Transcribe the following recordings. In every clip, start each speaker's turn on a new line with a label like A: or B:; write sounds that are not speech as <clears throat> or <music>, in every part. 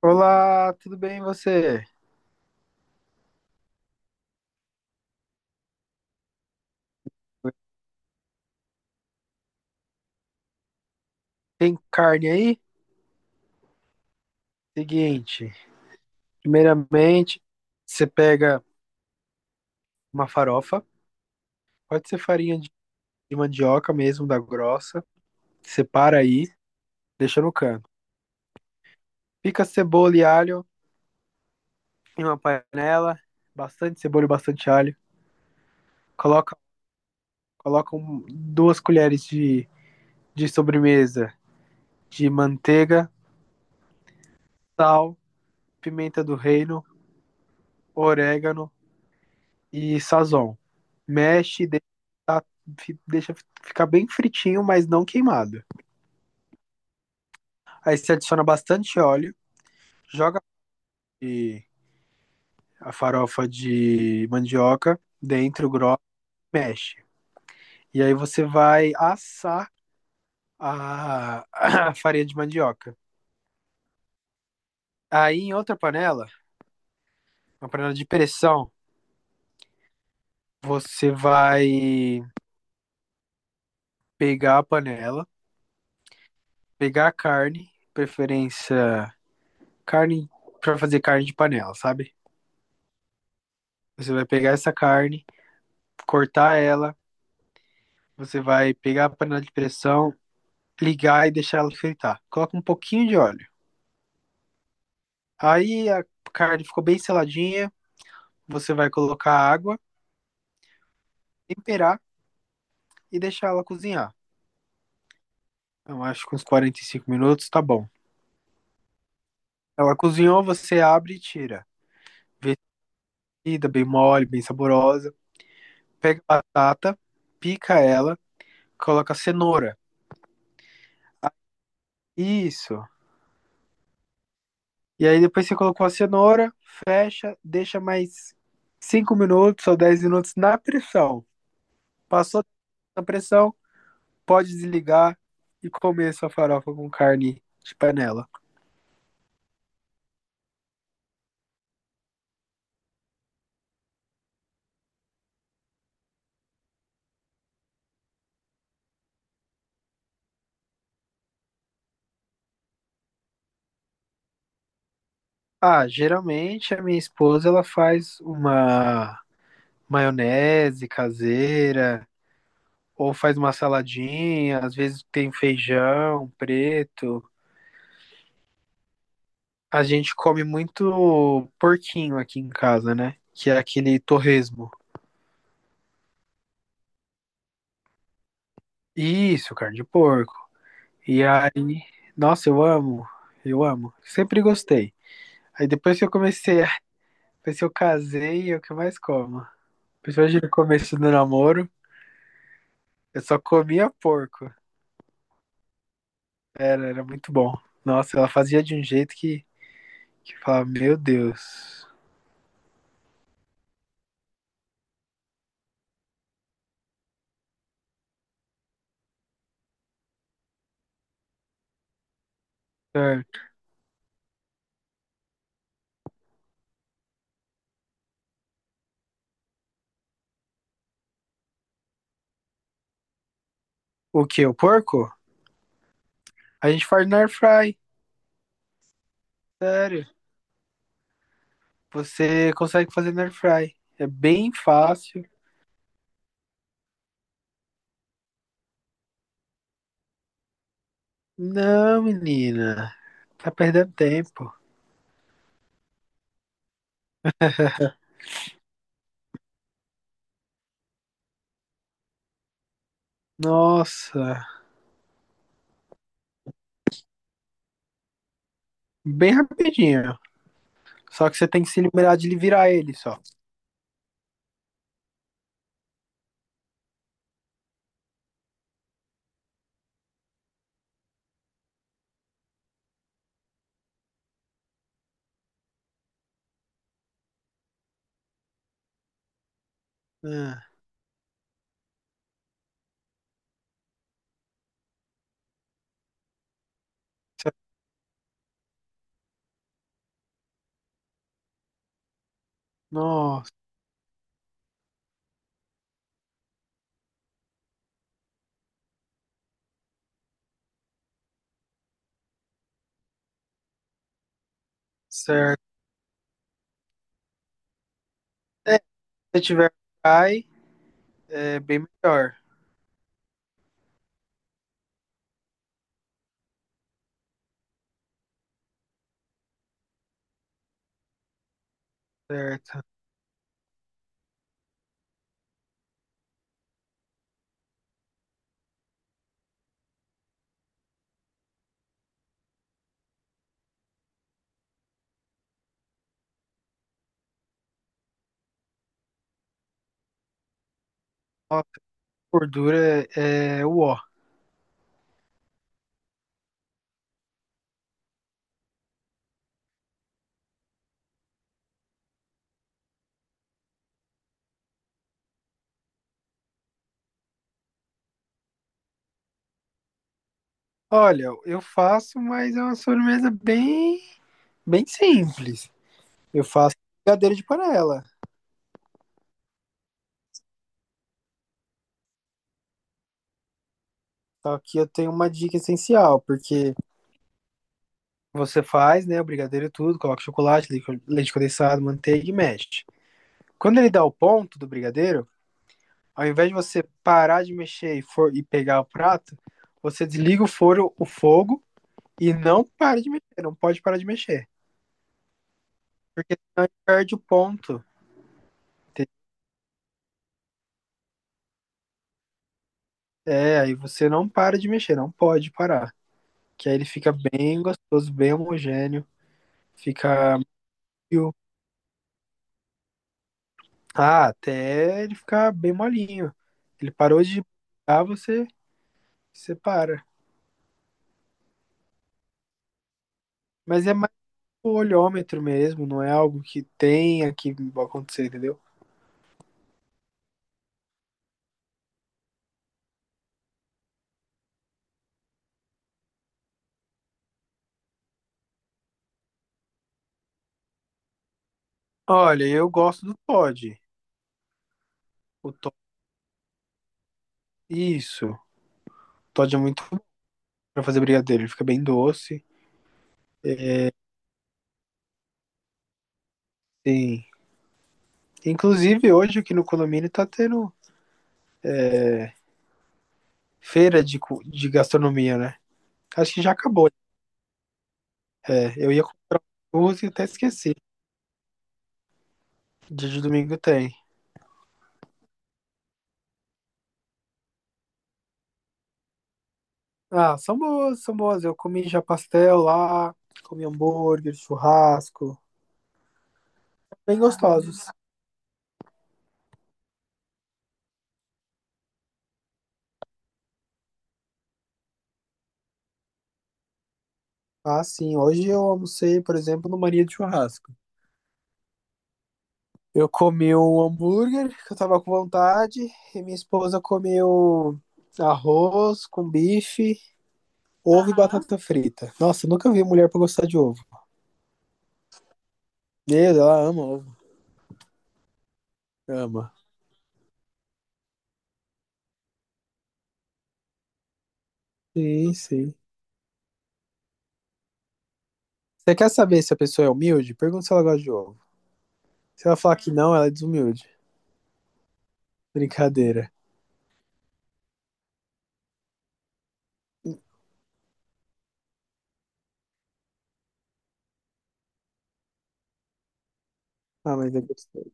A: Olá, tudo bem e você? Tem carne aí? Seguinte, primeiramente, você pega uma farofa, pode ser farinha de mandioca mesmo, da grossa, separa aí, deixa no canto. Pica cebola e alho em uma panela, bastante cebola e bastante alho. Coloca, coloca duas colheres de sobremesa de manteiga, sal, pimenta do reino, orégano e sazon. Mexe, deixa, tá- deixa ficar bem fritinho, mas não queimado. Aí você adiciona bastante óleo, joga e- a farofa de mandioca dentro, grossa, e mexe. E aí você vai assar a, <clears throat> a <coughs> farinha de mandioca. Aí em outra panela, uma panela de pressão, você vai pegar a panela, pegar a carne, preferência carne para fazer carne de panela, sabe? Você vai pegar essa carne cortar ela, você vai pegar a panela de pressão, ligar e deixar ela fritar. Coloca um pouquinho de óleo. Aí a carne ficou bem seladinha, você vai colocar água, temperar e deixar ela cozinhar. Eu acho que uns 45 minutos tá bom. Ela cozinhou, você abre e tira. Vestida, bem mole, bem saborosa. Pega a batata, pica ela, coloca a cenoura. Isso. E aí depois você colocou a cenoura, fecha, deixa mais 5 minutos ou 10 minutos na pressão. Passou na pressão, pode desligar e comer sua farofa com carne de panela. Ah, geralmente a minha esposa ela faz uma maionese caseira ou faz uma saladinha, às vezes tem feijão preto. A gente come muito porquinho aqui em casa, né? Que é aquele torresmo. Isso, carne de porco. E aí, nossa, eu amo, eu amo. Sempre gostei. Aí depois que Depois que eu casei, é o que eu mais como. Principalmente no começo do namoro, eu só comia porco. Era muito bom. Nossa, ela fazia de um jeito que eu falava, meu Deus. Certo. O que? O porco? A gente faz na air fry. Sério. Você consegue fazer na air fry. É bem fácil. Não, menina. Tá perdendo tempo. Nossa. Bem rapidinho. Só que você tem que se liberar de virar ele só. Ah, cer- nossa, certo. É, se você tiver cai, é bem melhor. Certo. Nossa, gordura é o ó. Olha, eu faço, mas é uma sobremesa bem, bem simples. Eu faço brigadeiro de panela. Só que eu tenho uma dica essencial, porque você faz, né, o brigadeiro e tudo, coloca chocolate, leite condensado, manteiga e mexe. Quando ele dá o ponto do brigadeiro, ao invés de você parar de mexer e pegar o prato, você desliga o fogo e não para de mexer. Não pode parar de mexer. Porque senão ele perde o ponto. É, aí você não para de mexer, não pode parar. Que aí ele fica bem gostoso, bem homogêneo. Fica meio. Ah, até ele ficar bem molinho. Ele parou de ah, você separa. Mas é mais o olhômetro mesmo, não é algo que tenha que acontecer, entendeu? Olha, eu gosto do pod. O to... Isso. Todd é muito bom pra fazer brigadeiro. Ele fica bem doce. Sim. Inclusive, hoje aqui no condomínio tá tendo feira de, de gastronomia, né? Acho que já acabou. É, eu ia comprar duas e até esqueci. Dia de domingo tem. Ah, são boas, são boas. Eu comi já pastel lá, comi hambúrguer, churrasco. Bem gostosos. Ah, sim. Hoje eu almocei, por exemplo, no Maria de Churrasco. Eu comi um hambúrguer que eu tava com vontade, e minha esposa comeu arroz com bife, ovo e aham, batata frita. Nossa, eu nunca vi mulher pra gostar de ovo. Meu, ela ama ovo. Ama. Sim, sim. Você quer saber se a pessoa é humilde? Pergunta se ela gosta de ovo. Se ela falar que não, ela é desumilde. Brincadeira. Ah, mas é gostoso.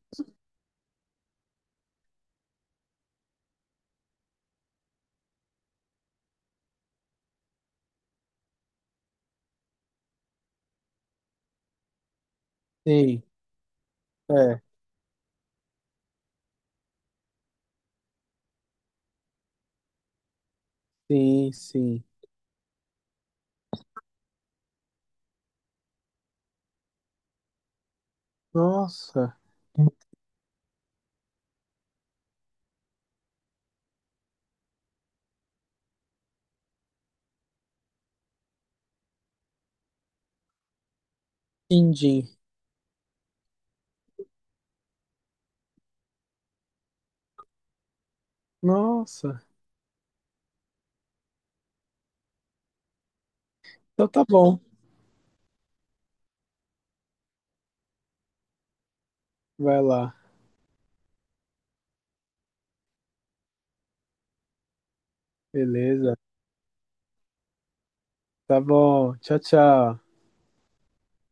A: Sim, é. Sim, sim. Nossa. Quindim. Nossa. Então tá bom. Vai lá. Beleza. Tá bom. Tchau, tchau.